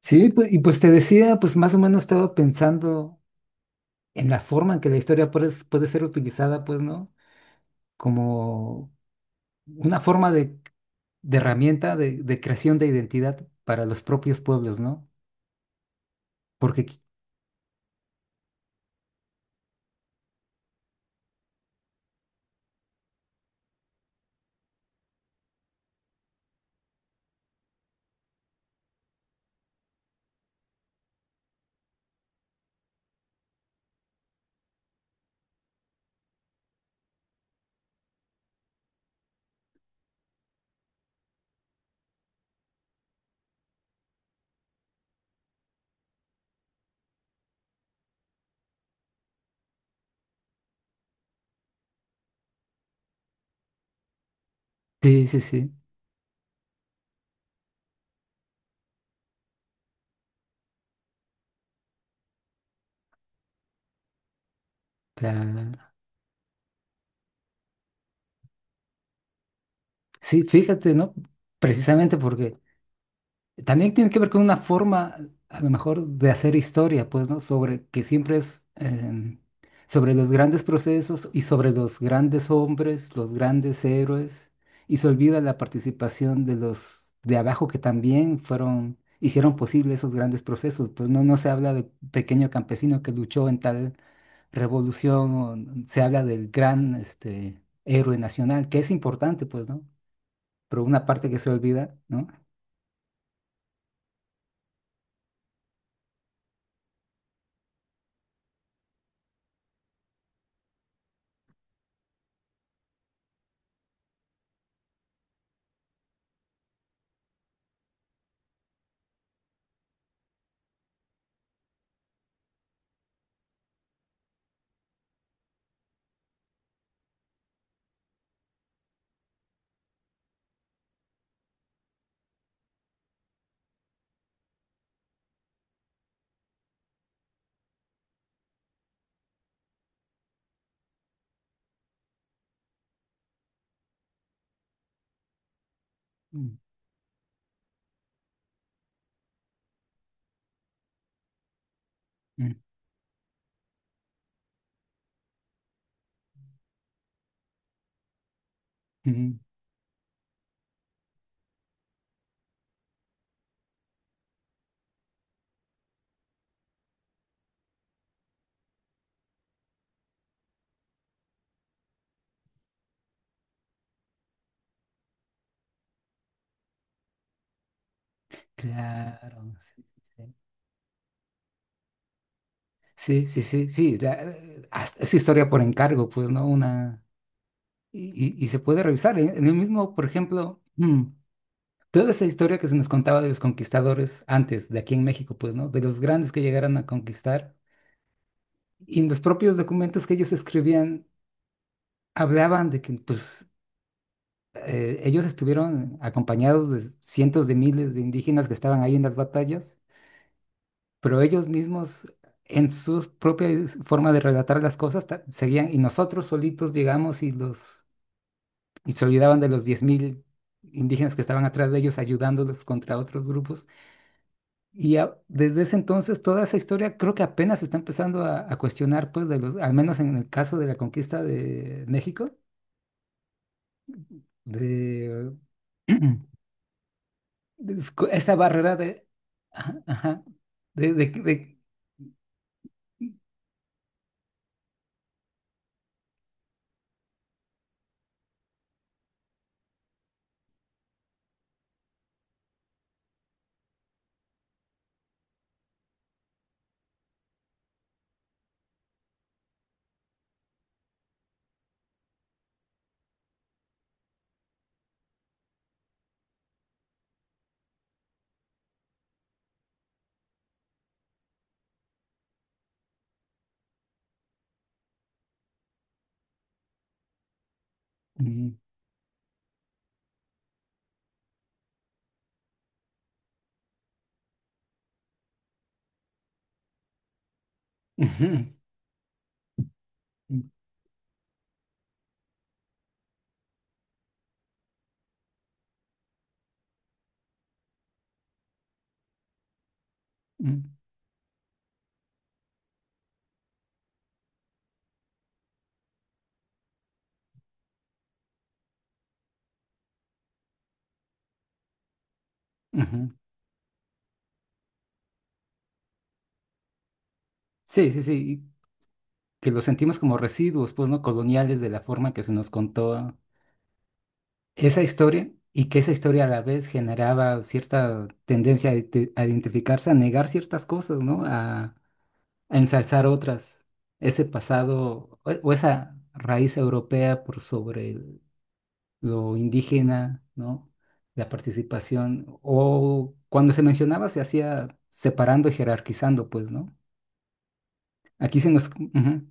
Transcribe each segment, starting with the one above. Sí, pues, y pues te decía, pues más o menos estaba pensando en la forma en que la historia puede ser utilizada, pues, ¿no? Como una forma de herramienta de creación de identidad para los propios pueblos, ¿no? Porque, sí, sí, sí. O sea, sí, fíjate, ¿no? Precisamente porque también tiene que ver con una forma, a lo mejor, de hacer historia, pues, ¿no? Sobre que siempre es sobre los grandes procesos y sobre los grandes hombres, los grandes héroes, y se olvida la participación de los de abajo que también fueron, hicieron posible esos grandes procesos. Pues no, no se habla del pequeño campesino que luchó en tal revolución, se habla del gran, este, héroe nacional, que es importante, pues, ¿no? Pero una parte que se olvida, ¿no? Mm, mm, ujú. Claro, sí, sí, sí, sí, sí, sí, sí, hasta es historia por encargo, pues, ¿no? Y y- se puede revisar. En el mismo, por ejemplo, toda esa historia que se nos contaba de los conquistadores antes, de aquí en México, pues, ¿no? De los grandes que llegaron a conquistar. Y en los propios documentos que ellos escribían, hablaban de que, pues, ellos estuvieron acompañados de cientos de miles de indígenas que estaban ahí en las batallas, pero ellos mismos en su propia forma de relatar las cosas seguían y nosotros solitos llegamos y se olvidaban de los 10.000 indígenas que estaban atrás de ellos ayudándolos contra otros grupos. Y desde ese entonces toda esa historia creo que apenas se está empezando a cuestionar, pues, de los, al menos en el caso de la conquista de México, de, es esa barrera de, ajá, ajá, de, de, de- mm, ujú, mm, mm, ujú. Sí, sí, sí, que lo sentimos como residuos, pues, ¿no? Coloniales de la forma que se nos contó esa historia y que esa historia a la vez generaba cierta tendencia a identificarse, a negar ciertas cosas, ¿no? A ensalzar otras. Ese pasado o esa raíz europea por sobre lo indígena, ¿no? La participación. O cuando se mencionaba se hacía separando y jerarquizando, pues, ¿no? Aquí se nos... ujú.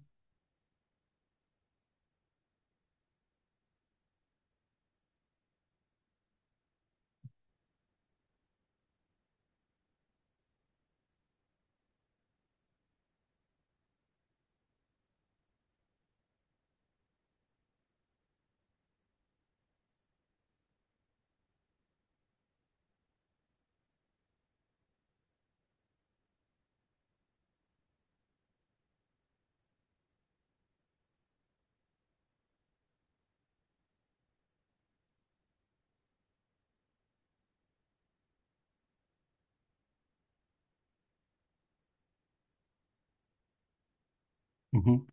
Ujú.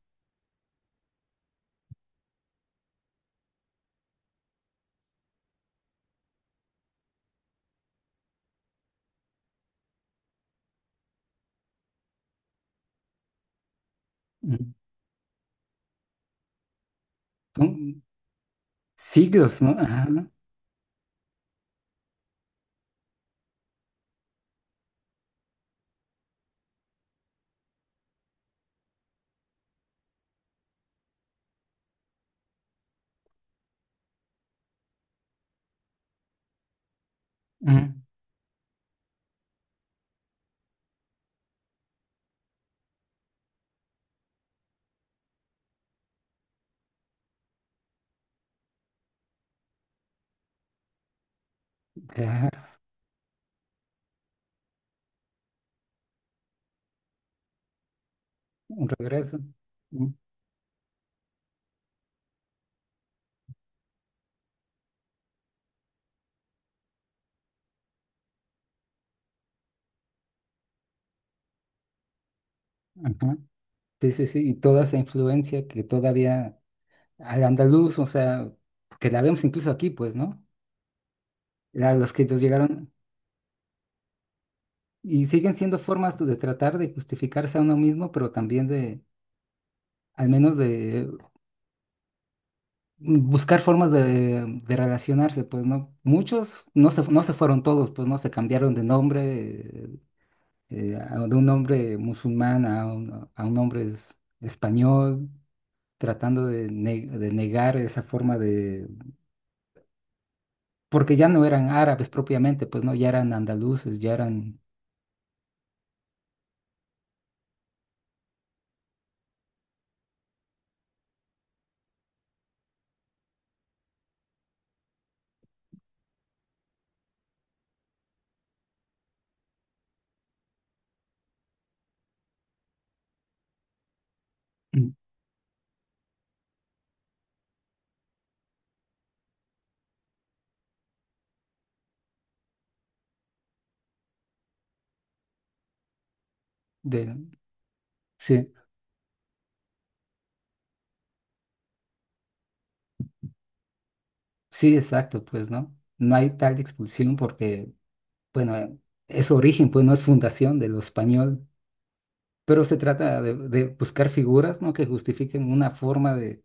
Ujú. Son- Siglos, ¿no? Ajá, mm, claro, un regreso. Mm, ajá. Sí, sí, sí, y toda esa influencia que todavía al andaluz, o sea, que la vemos incluso aquí, pues, ¿no? La- los que ellos llegaron y siguen siendo formas de tratar de justificarse a uno mismo, pero también de, al menos de buscar formas de relacionarse, pues, ¿no? Muchos no se fueron todos, pues, ¿no? Se cambiaron de nombre, de un hombre musulmán a un hombre español, tratando de negar esa forma de... Porque ya no eran árabes propiamente, pues no, ya eran andaluces, ya eran. Mm. De... Sí, sí, exacto, pues no. No hay tal expulsión porque, bueno, es origen, pues no es fundación de lo español. Pero se trata de buscar figuras, ¿no?, que justifiquen una forma de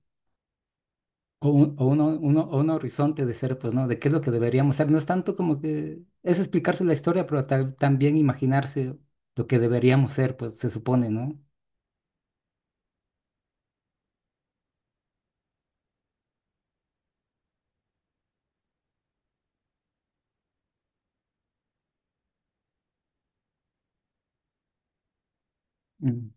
o un, o uno- uno- o un horizonte de ser, pues, ¿no? De qué es lo que deberíamos ser. No es tanto como que es explicarse la historia, pero también imaginarse lo que deberíamos ser, pues se supone, ¿no? Mm,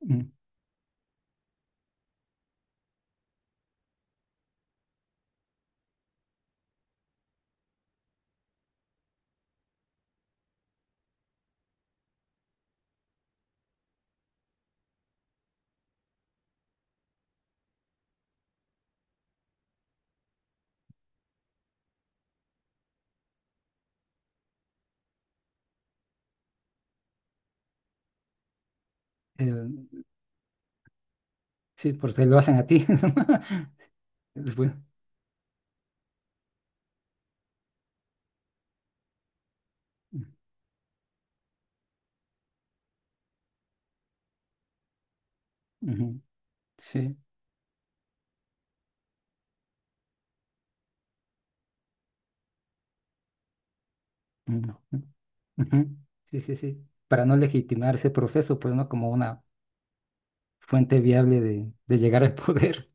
mm. Eh, sí, porque lo hacen a ti. Es bueno. Ujú, sí. Ujú, ujú, sí, sí, sí. Para no legitimar ese proceso, pues, ¿no? Como una fuente viable de llegar al poder.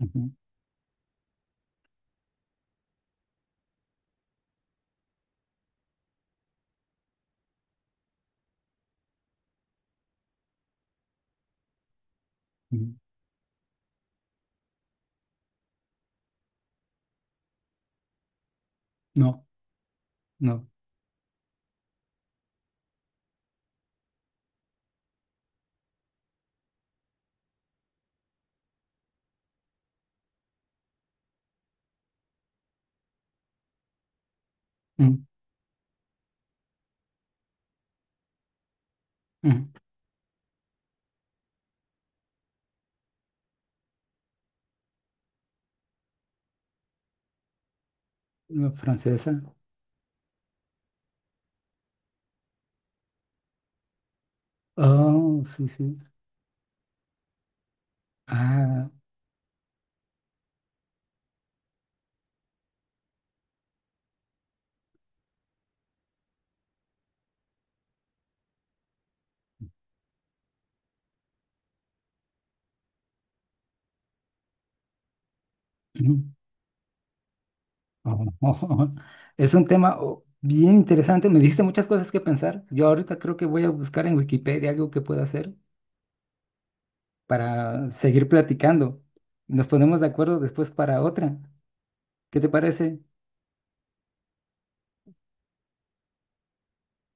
Ujú, ujú. No, no. Mm, mm. No, francesa. Oh, sí, sí. Ah, mm, oh. Es un tema bien interesante. Me diste muchas cosas que pensar. Yo ahorita creo que voy a buscar en Wikipedia algo que pueda hacer para seguir platicando. Nos ponemos de acuerdo después para otra. ¿Qué te parece?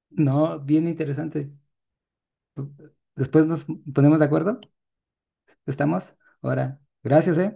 No, bien interesante. Después nos ponemos de acuerdo. ¿Estamos? Ahora, gracias, ¿eh?